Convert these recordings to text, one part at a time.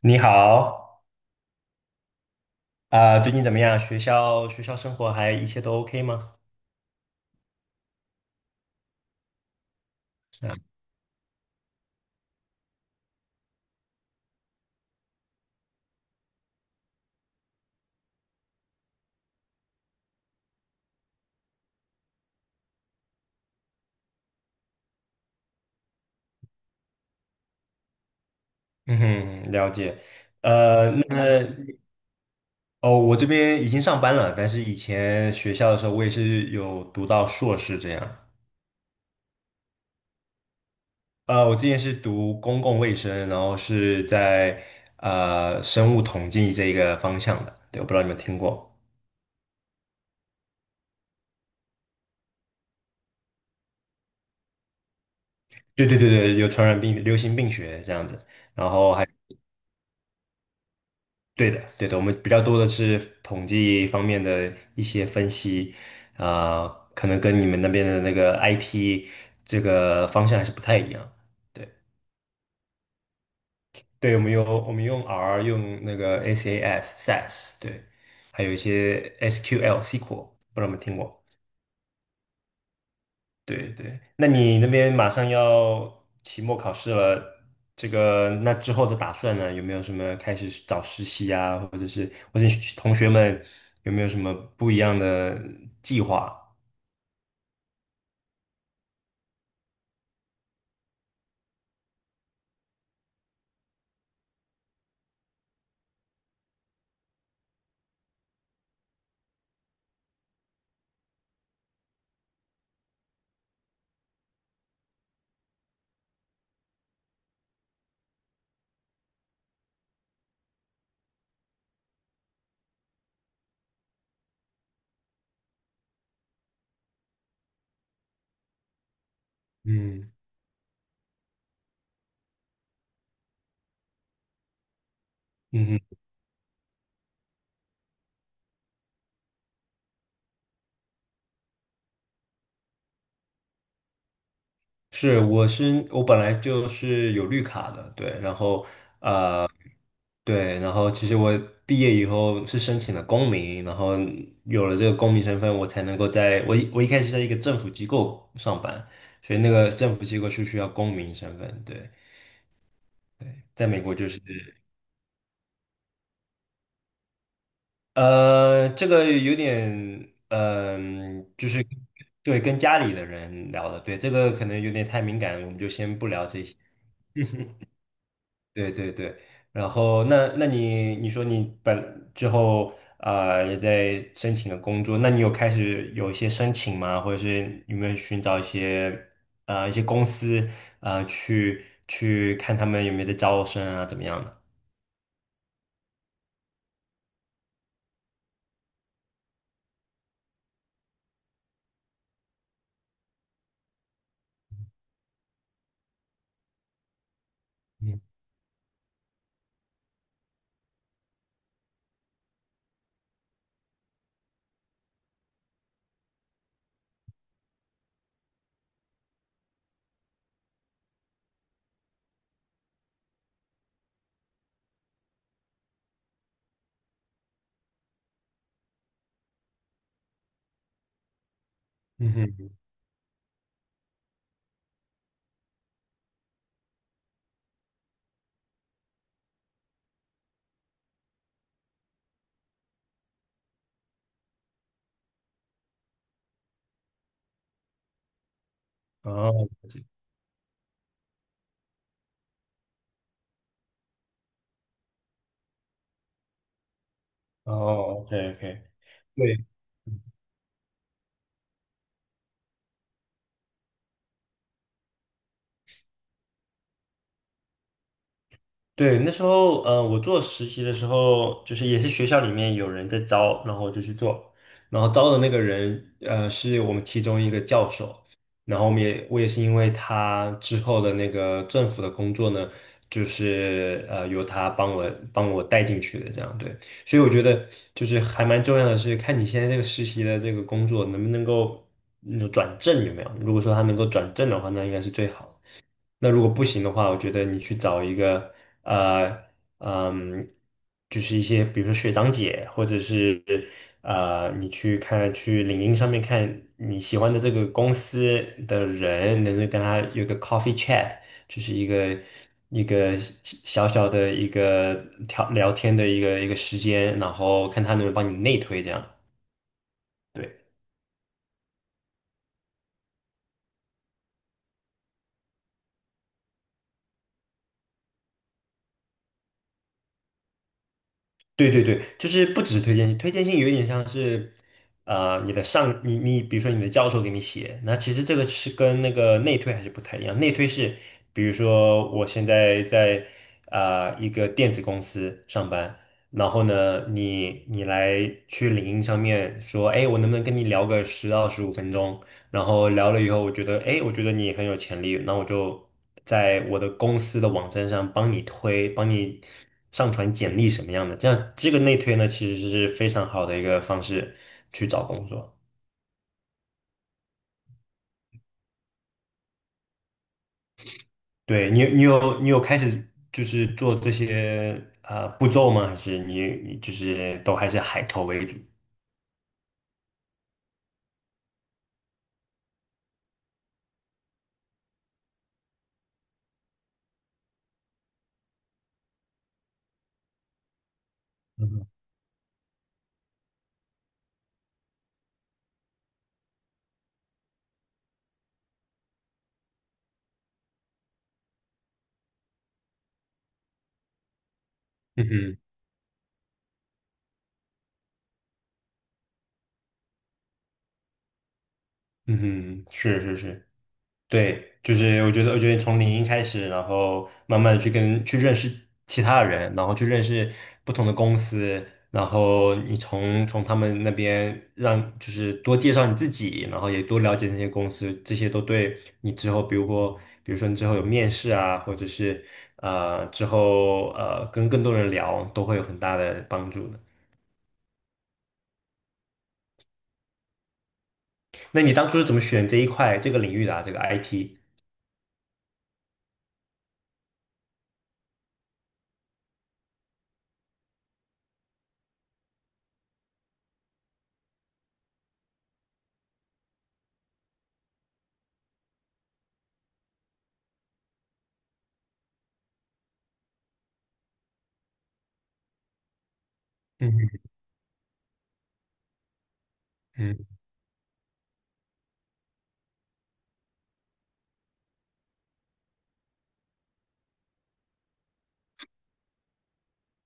你好，啊、最近怎么样？学校生活还一切都 OK 吗？是啊，嗯哼，了解。呃，那哦，我这边已经上班了，但是以前学校的时候，我也是有读到硕士这样。我之前是读公共卫生，然后是在生物统计这一个方向的。对，我不知道你们听过。对对对对，有传染病、流行病学这样子，然后还。对的，对的，我们比较多的是统计方面的一些分析，啊、可能跟你们那边的那个 IP 这个方向还是不太一样。对，对，我们用 R，用那个 SAS，对，还有一些 SQL，不知道你们听过。对对，那你那边马上要期末考试了，这个那之后的打算呢？有没有什么开始找实习啊，或者是同学们有没有什么不一样的计划？嗯嗯，是，我本来就是有绿卡的，对，然后呃，对，然后其实我毕业以后是申请了公民，然后有了这个公民身份，我才能够在我一开始在一个政府机构上班，所以那个政府机构是需要公民身份，对，在美国就是这个有点就是对跟家里的人聊的，对，这个可能有点太敏感，我们就先不聊这些。对对对，然后那你说你本之后啊、也在申请了工作，那你有开始有一些申请吗？或者是有没有寻找一些公司啊去看他们有没有在招生啊怎么样的？嗯嗯哼，哦哦，OK OK。对，那时候，我做实习的时候，就是也是学校里面有人在招，然后我就去做，然后招的那个人，是我们其中一个教授，然后我也是因为他之后的那个政府的工作呢，就是由他帮我带进去的，这样对，所以我觉得就是还蛮重要的是看你现在这个实习的这个工作能不能够转正有没有，如果说他能够转正的话，那应该是最好的。那如果不行的话，我觉得你去找一个呃嗯，就是一些比如说学长姐，或者是你去看去领英上面看你喜欢的这个公司的人，能够跟他有个 coffee chat，就是一个一个小小的一个聊聊天的一个时间，然后看他能不能帮你内推这样。对。对对对，就是不只是推荐信，推荐信有一点像是，啊，你，比如说你的教授给你写，那其实这个是跟那个内推还是不太一样。内推是，比如说我现在在一个电子公司上班，然后呢，你来去领英上面说，哎，我能不能跟你聊个10到15分钟？然后聊了以后，我觉得，哎，我觉得你很有潜力，那我就在我的公司的网站上帮你推，帮你上传简历什么样的，这样这个内推呢，其实是非常好的一个方式去找工作。对，你，你有开始就是做这些啊、步骤吗？还是你就是都还是海投为主？嗯哼，嗯哼，嗯哼，是是是。对，就是我觉得从零开始，然后慢慢的去认识其他的人，然后去认识不同的公司，然后你从他们那边让就是多介绍你自己，然后也多了解那些公司，这些都对你之后，比如说你之后有面试啊，或者是之后跟更多人聊，都会有很大的帮助的。那你当初是怎么选这一块这个领域的啊？这个 IT？嗯嗯，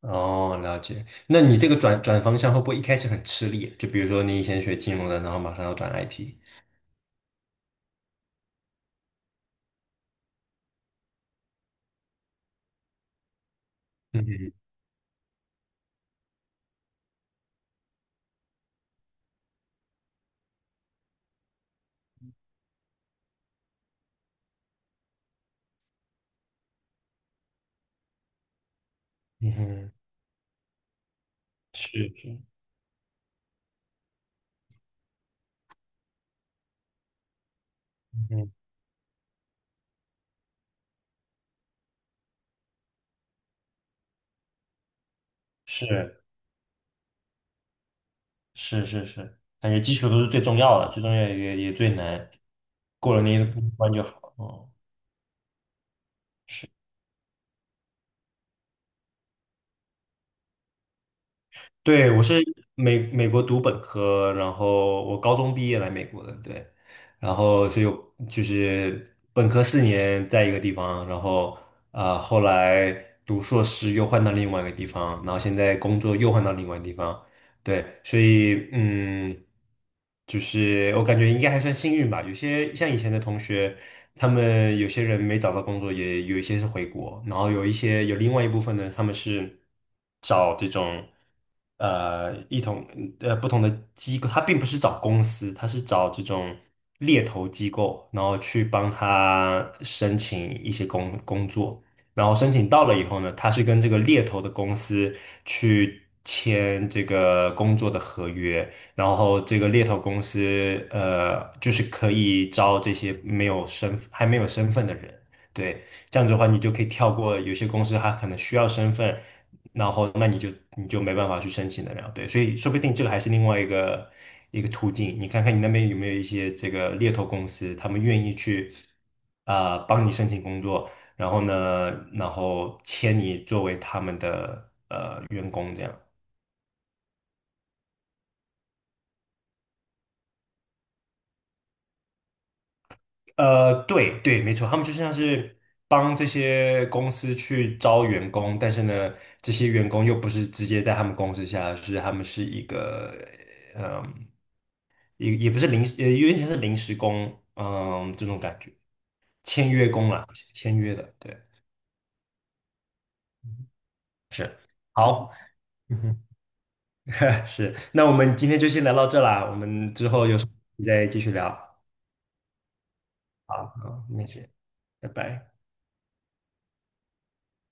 哦，了解。那你这个转方向会不会一开始很吃力？就比如说你以前学金融的，然后马上要转 IT。嗯哼嗯哼，是是，嗯，是是是是，感觉基础都是最重要的，最重要也最难，过了那一关就好。哦，是。对，我是美国读本科，然后我高中毕业来美国的，对，然后所以我就是本科4年在一个地方，然后啊、后来读硕士又换到另外一个地方，然后现在工作又换到另外一个地方，对，所以就是我感觉应该还算幸运吧。有些像以前的同学，他们有些人没找到工作，也有一些是回国，然后有一些有另外一部分呢，他们是找这种呃一同呃不同的机构，他并不是找公司，他是找这种猎头机构，然后去帮他申请一些工作。然后申请到了以后呢，他是跟这个猎头的公司去签这个工作的合约，然后这个猎头公司就是可以招这些没有身份的人，对，这样子的话你就可以跳过有些公司他可能需要身份，然后那你就没办法去申请得了，对，所以说不定这个还是另外一个途径，你看看你那边有没有一些这个猎头公司，他们愿意去啊、帮你申请工作。然后呢，然后签你作为他们的员工这样。对对，没错，他们就像是帮这些公司去招员工，但是呢，这些员工又不是直接在他们公司下，是他们是一个也不是临时，有点像是临时工，这种感觉，签约工啦，签约的，对，是，好，嗯哼，是，那我们今天就先聊到这啦，我们之后有什么再继续聊，好，好，没事，拜拜。